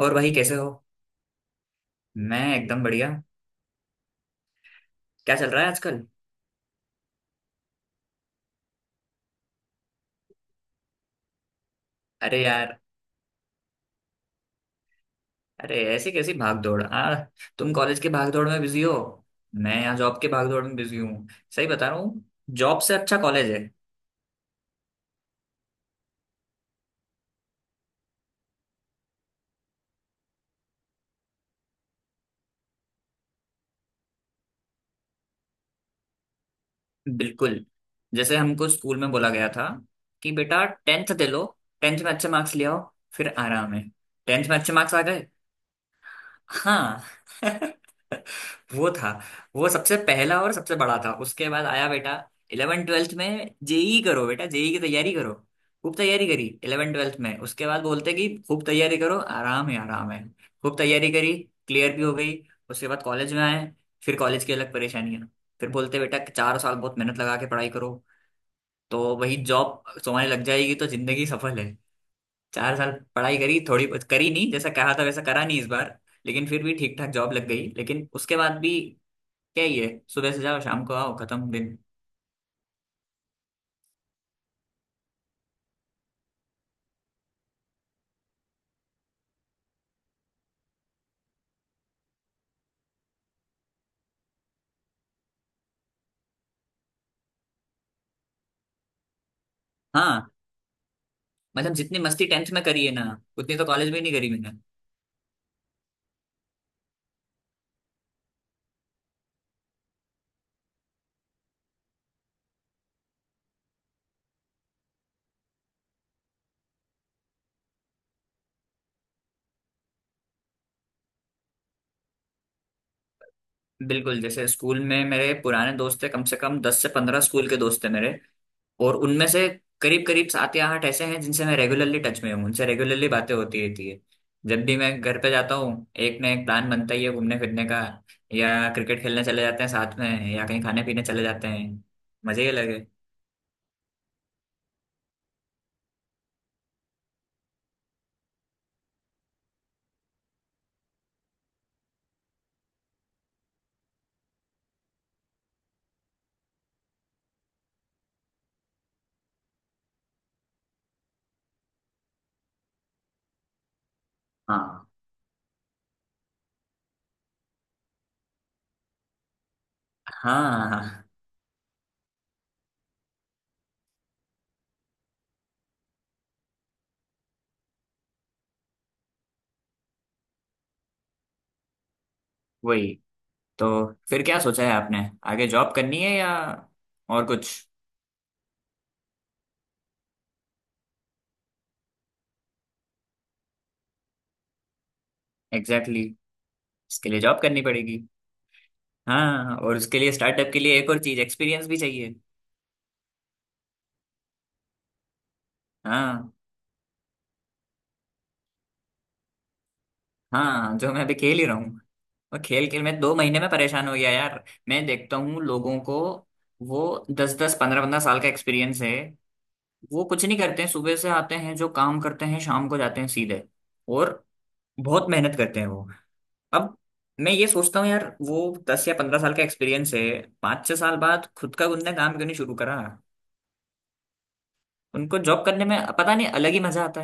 और भाई कैसे हो। मैं एकदम बढ़िया। क्या चल रहा है आजकल। अरे यार। अरे ऐसी कैसी भाग दौड़ आ। तुम कॉलेज के भाग दौड़ में बिजी हो। मैं यहाँ जॉब के भाग दौड़ में बिजी हूँ। सही बता रहा हूँ। जॉब से अच्छा कॉलेज है। बिल्कुल। जैसे हमको स्कूल में बोला गया था कि बेटा टेंथ दे लो। टेंथ में अच्छे मार्क्स ले आओ। फिर आराम है। टेंथ में अच्छे मार्क्स आ गए। हाँ। वो था। वो सबसे पहला और सबसे बड़ा था। उसके बाद आया बेटा इलेवन ट्वेल्थ में जेई करो। बेटा जेई की तैयारी करो। खूब तैयारी करी इलेवन ट्वेल्थ में। उसके बाद बोलते कि खूब तैयारी करो आराम है आराम है। खूब तैयारी करी। क्लियर भी हो गई। उसके बाद कॉलेज में आए। फिर कॉलेज की अलग परेशानी है। फिर बोलते बेटा कि 4 साल बहुत मेहनत लगा के पढ़ाई करो तो वही जॉब तुम्हारी लग जाएगी तो जिंदगी सफल है। 4 साल पढ़ाई करी, थोड़ी बहुत करी, नहीं जैसा कहा था वैसा करा नहीं इस बार। लेकिन फिर भी ठीक ठाक जॉब लग गई, लेकिन उसके बाद भी क्या ही है। सुबह से जाओ शाम को आओ, खत्म दिन। हाँ, मतलब जितनी मस्ती टेंथ में करी है ना, उतनी तो कॉलेज में नहीं करी मैंने। बिल्कुल। जैसे स्कूल में मेरे पुराने दोस्त थे, कम से कम 10 से 15 स्कूल के दोस्त थे मेरे, और उनमें से करीब करीब सात या आठ ऐसे हैं जिनसे मैं रेगुलरली टच में हूँ, उनसे रेगुलरली बातें होती रहती है। जब भी मैं घर पे जाता हूँ एक ना एक प्लान बनता ही है घूमने फिरने का, या क्रिकेट खेलने चले जाते हैं साथ में, या कहीं खाने पीने चले जाते हैं। मजे ही अलग है। हाँ हाँ। वही। तो फिर क्या सोचा है आपने, आगे जॉब करनी है या और कुछ। Exactly exactly. इसके लिए जॉब करनी पड़ेगी। हाँ, और उसके लिए स्टार्टअप के लिए एक और चीज एक्सपीरियंस भी चाहिए। हाँ। हाँ, जो मैं अभी खेल ही रहा हूँ। और खेल खेल में 2 महीने में परेशान हो गया यार। मैं देखता हूँ लोगों को, वो दस दस पंद्रह पंद्रह साल का एक्सपीरियंस है। वो कुछ नहीं करते हैं, सुबह से आते हैं, जो काम करते हैं, शाम को जाते हैं सीधे। और बहुत मेहनत करते हैं वो। अब मैं ये सोचता हूँ यार, वो 10 या 15 साल का एक्सपीरियंस है, पाँच छह साल बाद खुद का उनने काम क्यों नहीं शुरू करा। उनको जॉब करने में पता नहीं अलग ही मजा आता।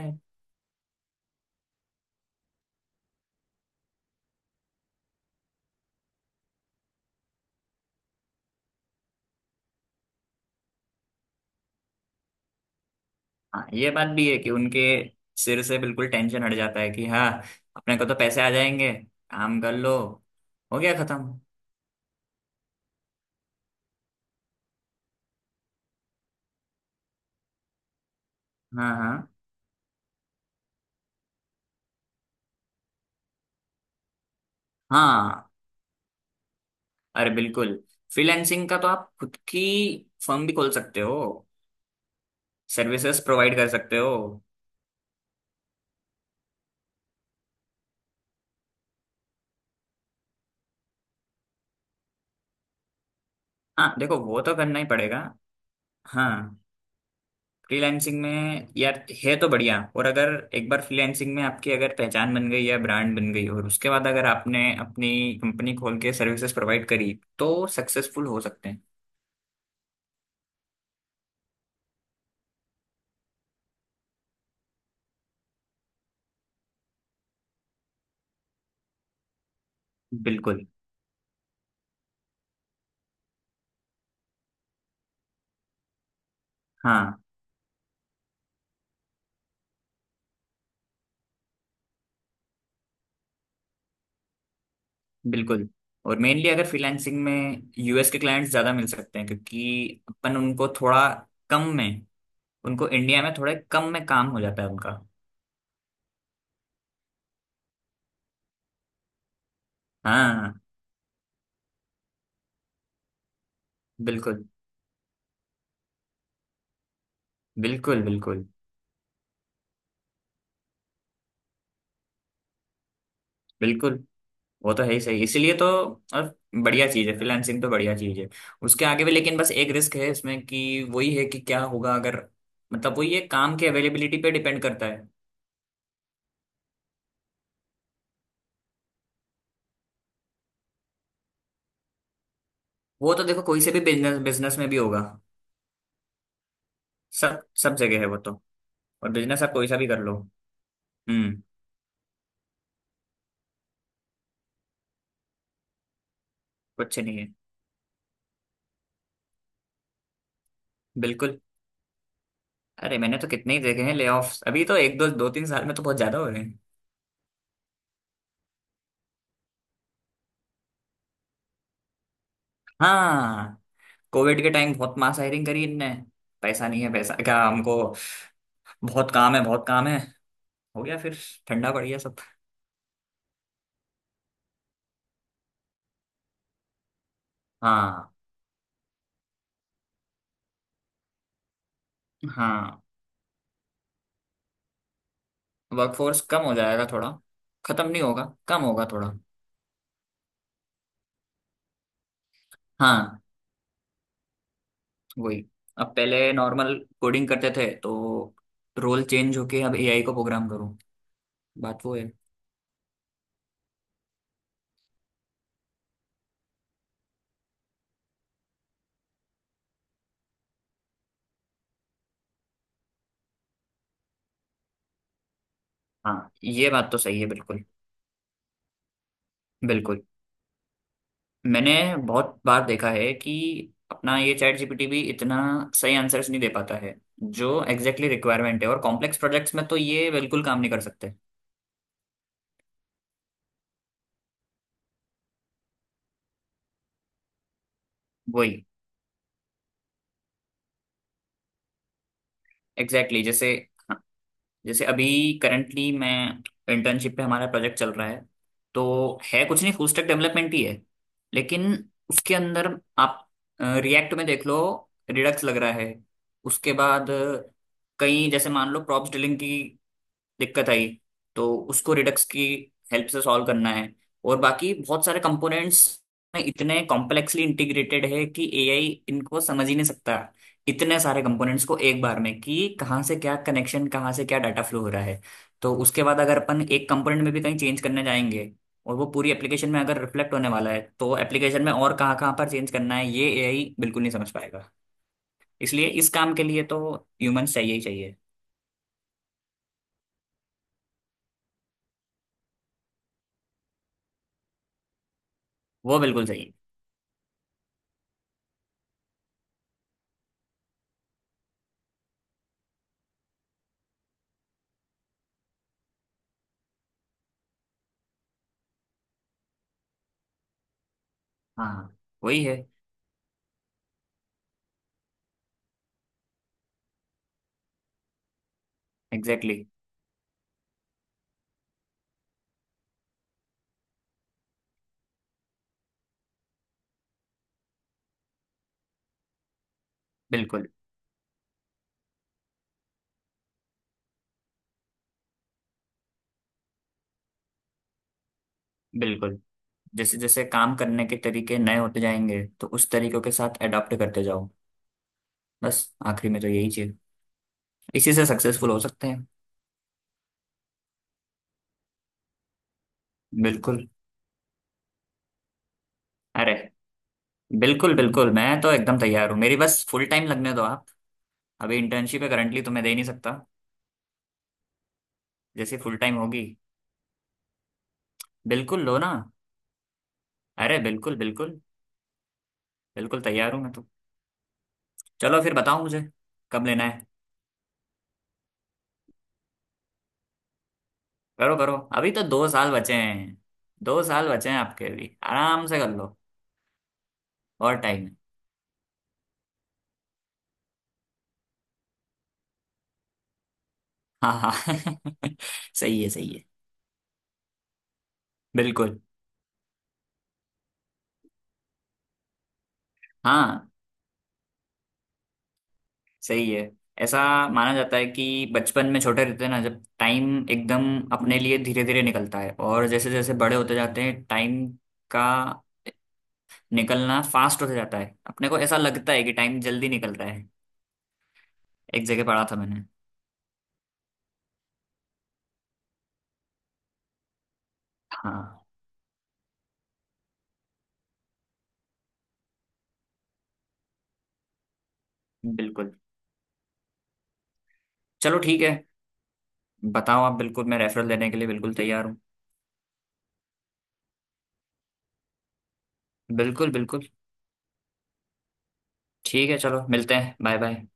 हाँ, ये बात भी है कि उनके सिर से बिल्कुल टेंशन हट जाता है कि हाँ, अपने को तो पैसे आ जाएंगे, काम कर लो, हो गया खत्म। हाँ। हाँ। हाँ। अरे बिल्कुल। फ्रीलैंसिंग का तो आप खुद की फर्म भी खोल सकते हो, सर्विसेज प्रोवाइड कर सकते हो। हाँ, देखो वो तो करना ही पड़ेगा। हाँ, फ्रीलैंसिंग में यार है तो बढ़िया। और अगर एक बार फ्रीलैंसिंग में आपकी अगर पहचान बन गई या ब्रांड बन गई, और उसके बाद अगर आपने अपनी कंपनी खोल के सर्विसेज प्रोवाइड करी, तो सक्सेसफुल हो सकते हैं। बिल्कुल। हाँ। बिल्कुल। और मेनली अगर फ्रीलांसिंग में, यूएस के क्लाइंट्स ज़्यादा मिल सकते हैं, क्योंकि अपन उनको थोड़ा कम में, उनको इंडिया में थोड़े कम में काम हो जाता है उनका। हाँ। बिल्कुल। बिल्कुल। बिल्कुल बिल्कुल। वो तो है ही सही। इसीलिए तो। और बढ़िया चीज़ है फ्रीलांसिंग तो, बढ़िया चीज़ है उसके आगे भी। लेकिन बस एक रिस्क है इसमें कि वही है कि क्या होगा अगर, मतलब वही है, काम की अवेलेबिलिटी पे डिपेंड करता है। वो तो देखो कोई से भी बिजनेस, बिजनेस में भी होगा। सब सब जगह है वो तो। और बिजनेस आप कोई सा भी कर लो। हम्म। कुछ नहीं है। बिल्कुल। अरे मैंने तो कितने ही देखे हैं लेऑफ्स अभी तो। एक दो दो तीन साल में तो बहुत ज्यादा हो रहे हैं। हाँ, कोविड के टाइम बहुत मास हायरिंग करी इनने। पैसा नहीं है पैसा, क्या हमको, बहुत काम है बहुत काम है। हो गया फिर, ठंडा पड़ गया सब। हाँ। हाँ। वर्कफोर्स कम हो जाएगा थोड़ा, खत्म नहीं होगा, कम होगा थोड़ा। हाँ। वही। अब पहले नॉर्मल कोडिंग करते थे तो, रोल चेंज होके अब एआई को प्रोग्राम करूँ, बात वो है। हाँ, ये बात तो सही है बिल्कुल। बिल्कुल। मैंने बहुत बार देखा है कि अपना ये चैट जीपीटी भी इतना सही आंसर्स नहीं दे पाता है जो एग्जैक्टली रिक्वायरमेंट है, और कॉम्प्लेक्स प्रोजेक्ट्स में तो ये बिल्कुल काम नहीं कर सकते। वही। एग्जैक्टली exactly, जैसे, हाँ, जैसे अभी करंटली मैं इंटर्नशिप पे हमारा प्रोजेक्ट चल रहा है तो, है कुछ नहीं, फुल स्टैक डेवलपमेंट ही है। लेकिन उसके अंदर, आप रिएक्ट में देख लो, रिडक्स लग रहा है। उसके बाद कई जैसे मान लो प्रॉप्स डीलिंग की दिक्कत आई, तो उसको रिडक्स की हेल्प से सॉल्व करना है। और बाकी बहुत सारे कंपोनेंट्स में इतने कॉम्प्लेक्सली इंटीग्रेटेड है कि एआई इनको समझ ही नहीं सकता, इतने सारे कंपोनेंट्स को एक बार में, कि कहाँ से क्या कनेक्शन, कहाँ से क्या डाटा फ्लो हो रहा है। तो उसके बाद अगर अपन एक कंपोनेंट में भी कहीं चेंज करने जाएंगे, और वो पूरी एप्लीकेशन में अगर रिफ्लेक्ट होने वाला है, तो एप्लीकेशन में और कहाँ कहाँ पर चेंज करना है, ये एआई बिल्कुल नहीं समझ पाएगा। इसलिए इस काम के लिए तो ह्यूमंस चाहिए ही चाहिए। वो बिल्कुल सही। हाँ। वही है। एग्जैक्टली exactly, बिल्कुल बिल्कुल। जैसे जैसे काम करने के तरीके नए होते जाएंगे तो उस तरीकों के साथ अडॉप्ट करते जाओ बस। आखिरी में तो यही चीज, इसी से सक्सेसफुल हो सकते हैं। बिल्कुल। अरे बिल्कुल बिल्कुल, मैं तो एकदम तैयार हूँ, मेरी बस फुल टाइम लगने दो आप। अभी इंटर्नशिप है करंटली तो मैं दे नहीं सकता। जैसे फुल टाइम होगी। बिल्कुल लो ना। अरे बिल्कुल बिल्कुल। बिल्कुल तैयार हूँ मैं तो। चलो फिर बताओ मुझे कब लेना है। करो करो, अभी तो 2 साल बचे हैं। 2 साल बचे हैं आपके भी, आराम से कर लो, और टाइम है। हाँ। हाँ। सही है सही है। बिल्कुल। हाँ, सही है। ऐसा माना जाता है कि बचपन में छोटे रहते हैं ना, जब टाइम एकदम अपने लिए धीरे धीरे निकलता है, और जैसे जैसे बड़े होते जाते हैं टाइम का निकलना फास्ट होता जाता है। अपने को ऐसा लगता है कि टाइम जल्दी निकल रहा है। एक जगह पढ़ा था मैंने। हाँ। बिल्कुल। चलो ठीक है, बताओ आप, बिल्कुल मैं रेफरल देने के लिए बिल्कुल तैयार हूँ। बिल्कुल बिल्कुल। ठीक है, चलो मिलते हैं, बाय बाय।